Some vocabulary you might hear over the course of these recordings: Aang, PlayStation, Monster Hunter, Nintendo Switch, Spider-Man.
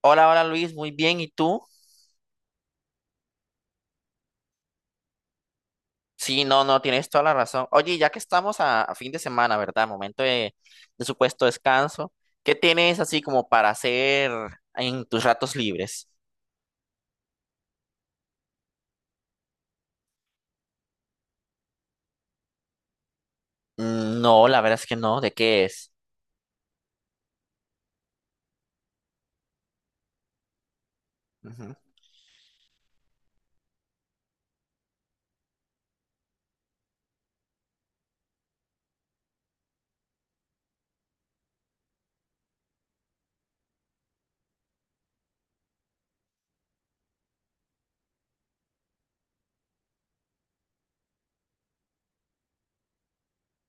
Hola, hola Luis, muy bien. ¿Y tú? Sí, no, no, tienes toda la razón. Oye, ya que estamos a fin de semana, ¿verdad? Momento de supuesto descanso. ¿Qué tienes así como para hacer en tus ratos libres? No, la verdad es que no. ¿De qué es? Ujú.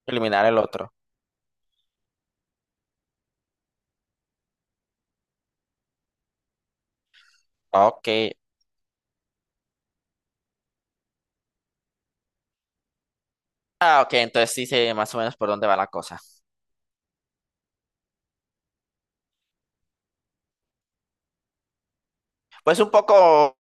Eliminar el otro. Ok. Ah, ok, entonces sí sé más o menos por dónde va la cosa. Pues un poco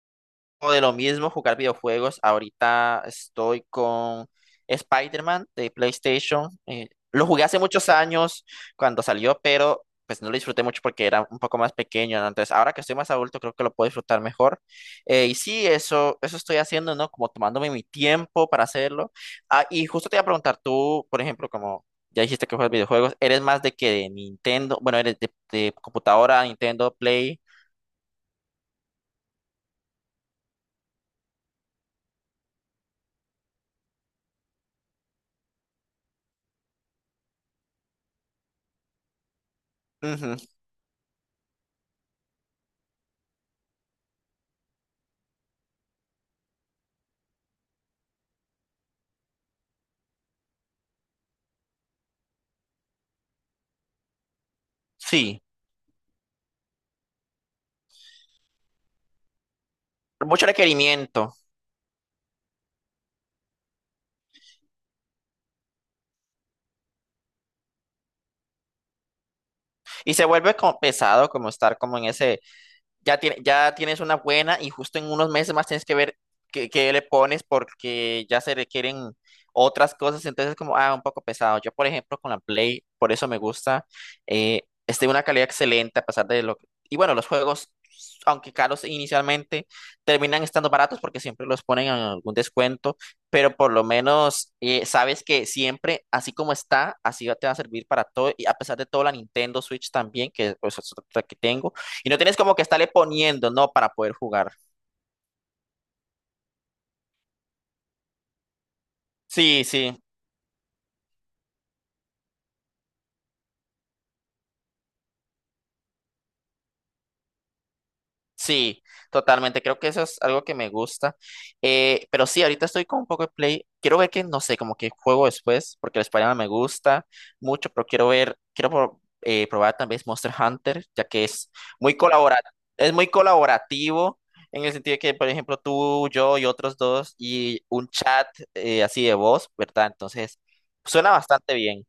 de lo mismo, jugar videojuegos. Ahorita estoy con Spider-Man de PlayStation. Lo jugué hace muchos años cuando salió, pero pues no lo disfruté mucho porque era un poco más pequeño, ¿no? Entonces, ahora que estoy más adulto, creo que lo puedo disfrutar mejor. Y sí, eso estoy haciendo, ¿no? Como tomándome mi tiempo para hacerlo. Ah, y justo te iba a preguntar, tú, por ejemplo, como ya dijiste que juegas videojuegos, ¿eres más de que de Nintendo? Bueno, ¿eres de computadora, Nintendo, Play? Ujú. Sí, mucho requerimiento. Y se vuelve como pesado, como estar como en ese, ya, ya tienes una buena y justo en unos meses más tienes que ver qué, qué le pones porque ya se requieren otras cosas, entonces como, ah, un poco pesado. Yo, por ejemplo, con la Play, por eso me gusta, es de una calidad excelente a pesar de lo que... Y bueno, los juegos, aunque caros inicialmente, terminan estando baratos porque siempre los ponen en algún descuento, pero por lo menos sabes que siempre, así como está, te va a servir para todo, y a pesar de todo, la Nintendo Switch también, que pues, es otra que tengo y no tienes como que estarle poniendo, ¿no? Para poder jugar. Sí, sí, sí, totalmente. Creo que eso es algo que me gusta. Pero sí, ahorita estoy con un poco de play. Quiero ver que, no sé, como que juego después, porque el Spider-Man me gusta mucho, pero quiero ver, probar también Monster Hunter, ya que es muy colabora- es muy colaborativo. En el sentido de que, por ejemplo, tú, yo y otros dos, y un chat así de voz, ¿verdad? Entonces, suena bastante bien.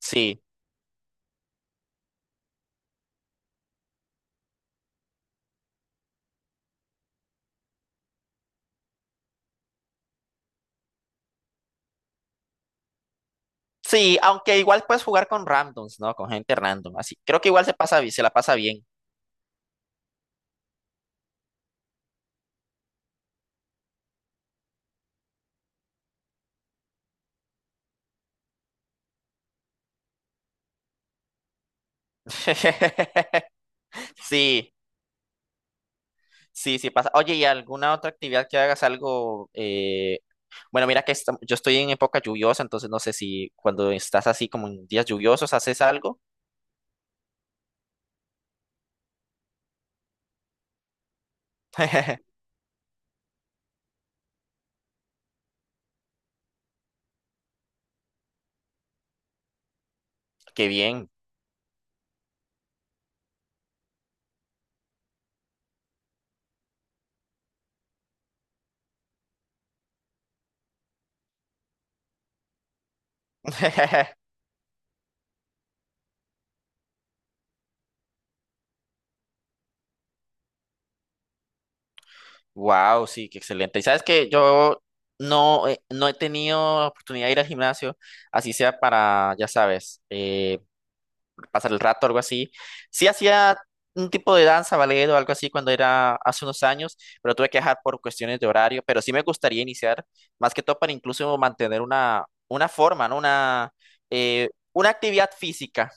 Sí. Sí, aunque igual puedes jugar con randoms, ¿no? Con gente random, así. Creo que igual se la pasa bien. Sí, sí, sí pasa. Oye, ¿y alguna otra actividad que hagas algo? Bueno, mira que yo estoy en época lluviosa, entonces no sé si cuando estás así como en días lluviosos haces algo. Qué bien. Wow, sí, qué excelente. Y sabes que yo no, no he tenido oportunidad de ir al gimnasio, así sea para, ya sabes, pasar el rato, algo así. Sí hacía un tipo de danza, ballet o algo así cuando era hace unos años, pero tuve que dejar por cuestiones de horario, pero sí me gustaría iniciar, más que todo para incluso mantener una forma, ¿no? Una actividad física.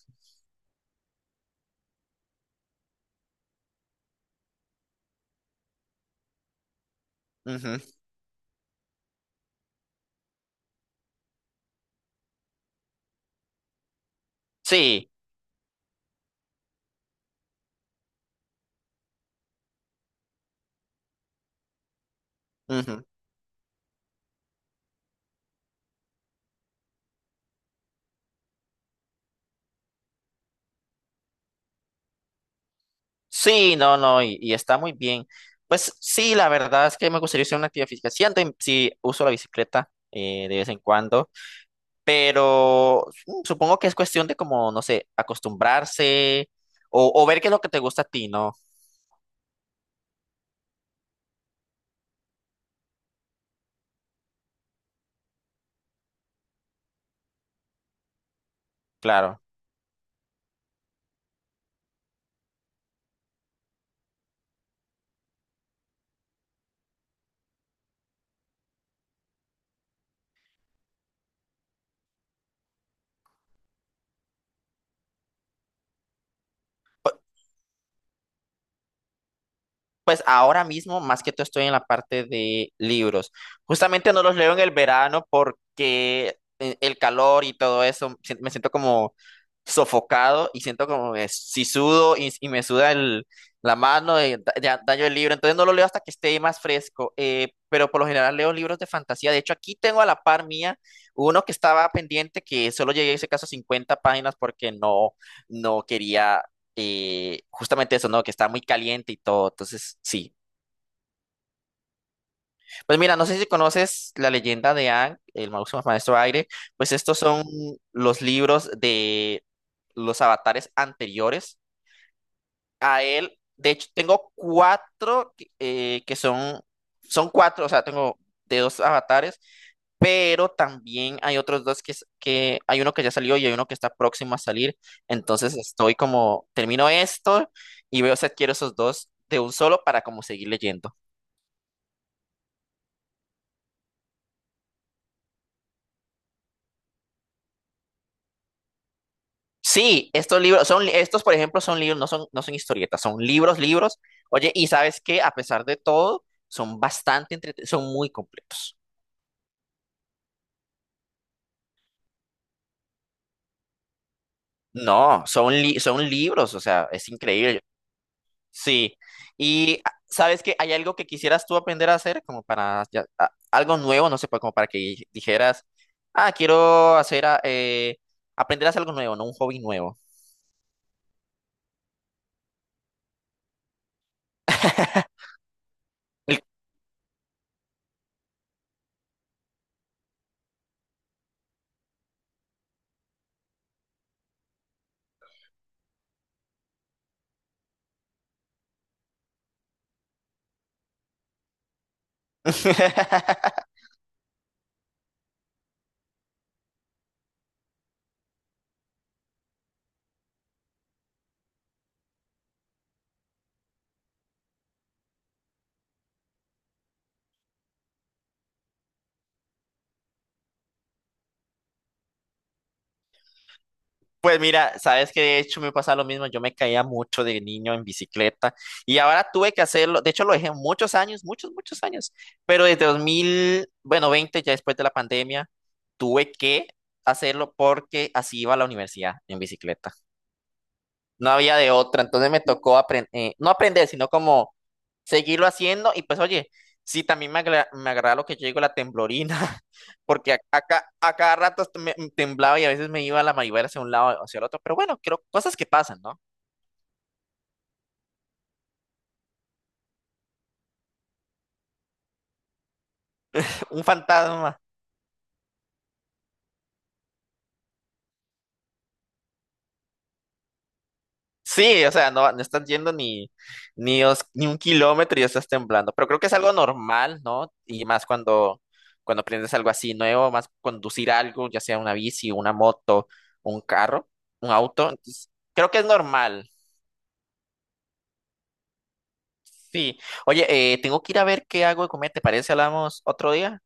Ujú. Sí, ujú. Sí, no, no, y está muy bien. Pues sí, la verdad es que me gustaría hacer una actividad física. Sí, sí uso la bicicleta de vez en cuando. Pero supongo que es cuestión de como, no sé, acostumbrarse o ver qué es lo que te gusta a ti, ¿no? Claro. Pues ahora mismo, más que todo, estoy en la parte de libros. Justamente no los leo en el verano porque el calor y todo eso, me siento como sofocado y siento como que si sudo y, la mano, ya daño el libro. Entonces no lo leo hasta que esté más fresco. Pero por lo general leo libros de fantasía. De hecho, aquí tengo a la par mía uno que estaba pendiente, que solo llegué a ese caso a 50 páginas porque no, no quería y justamente eso, ¿no? Que está muy caliente y todo. Entonces, sí. Pues mira, no sé si conoces la leyenda de Aang, el máximo maestro aire. Pues estos son los libros de los avatares anteriores a él. De hecho, tengo cuatro que son, son cuatro, o sea, tengo de dos avatares pero también hay otros dos que hay uno que ya salió y hay uno que está próximo a salir. Entonces estoy como, termino esto y veo si adquiero esos dos de un solo para como seguir leyendo. Sí, estos por ejemplo son libros, no son, no son historietas, son libros, libros. Oye, y sabes que a pesar de todo, son bastante entretenidos, son muy completos. No, son libros, o sea, es increíble. Sí, y ah, sabes que hay algo que quisieras tú aprender a hacer, como para algo nuevo, no sé, como para que dijeras, ah, quiero hacer, aprender a hacer algo nuevo, no un hobby nuevo. El- Pues mira, sabes que de hecho me pasa lo mismo, yo me caía mucho de niño en bicicleta y ahora tuve que hacerlo, de hecho lo dejé muchos años, muchos, muchos años, pero desde 2000 bueno, 20 ya después de la pandemia, tuve que hacerlo porque así iba a la universidad en bicicleta. No había de otra, entonces me tocó aprender, no aprender, sino como seguirlo haciendo y pues oye, sí, también me agrada lo que yo digo, la temblorina, porque a cada rato esto me temblaba y a veces me iba la manivela hacia un lado o hacia el otro, pero bueno, creo cosas que pasan, ¿no? Un fantasma. Sí, o sea, no, no estás yendo ni, ni 1 kilómetro y ya estás temblando. Pero creo que es algo normal, ¿no? Y más cuando, cuando aprendes algo así nuevo, más conducir algo, ya sea una bici, una moto, un carro, un auto. Entonces, creo que es normal. Sí. Oye, tengo que ir a ver qué hago de comer. ¿Te parece? Hablamos otro día.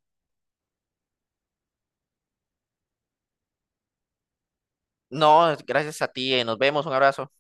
No, gracias a ti. Nos vemos. Un abrazo.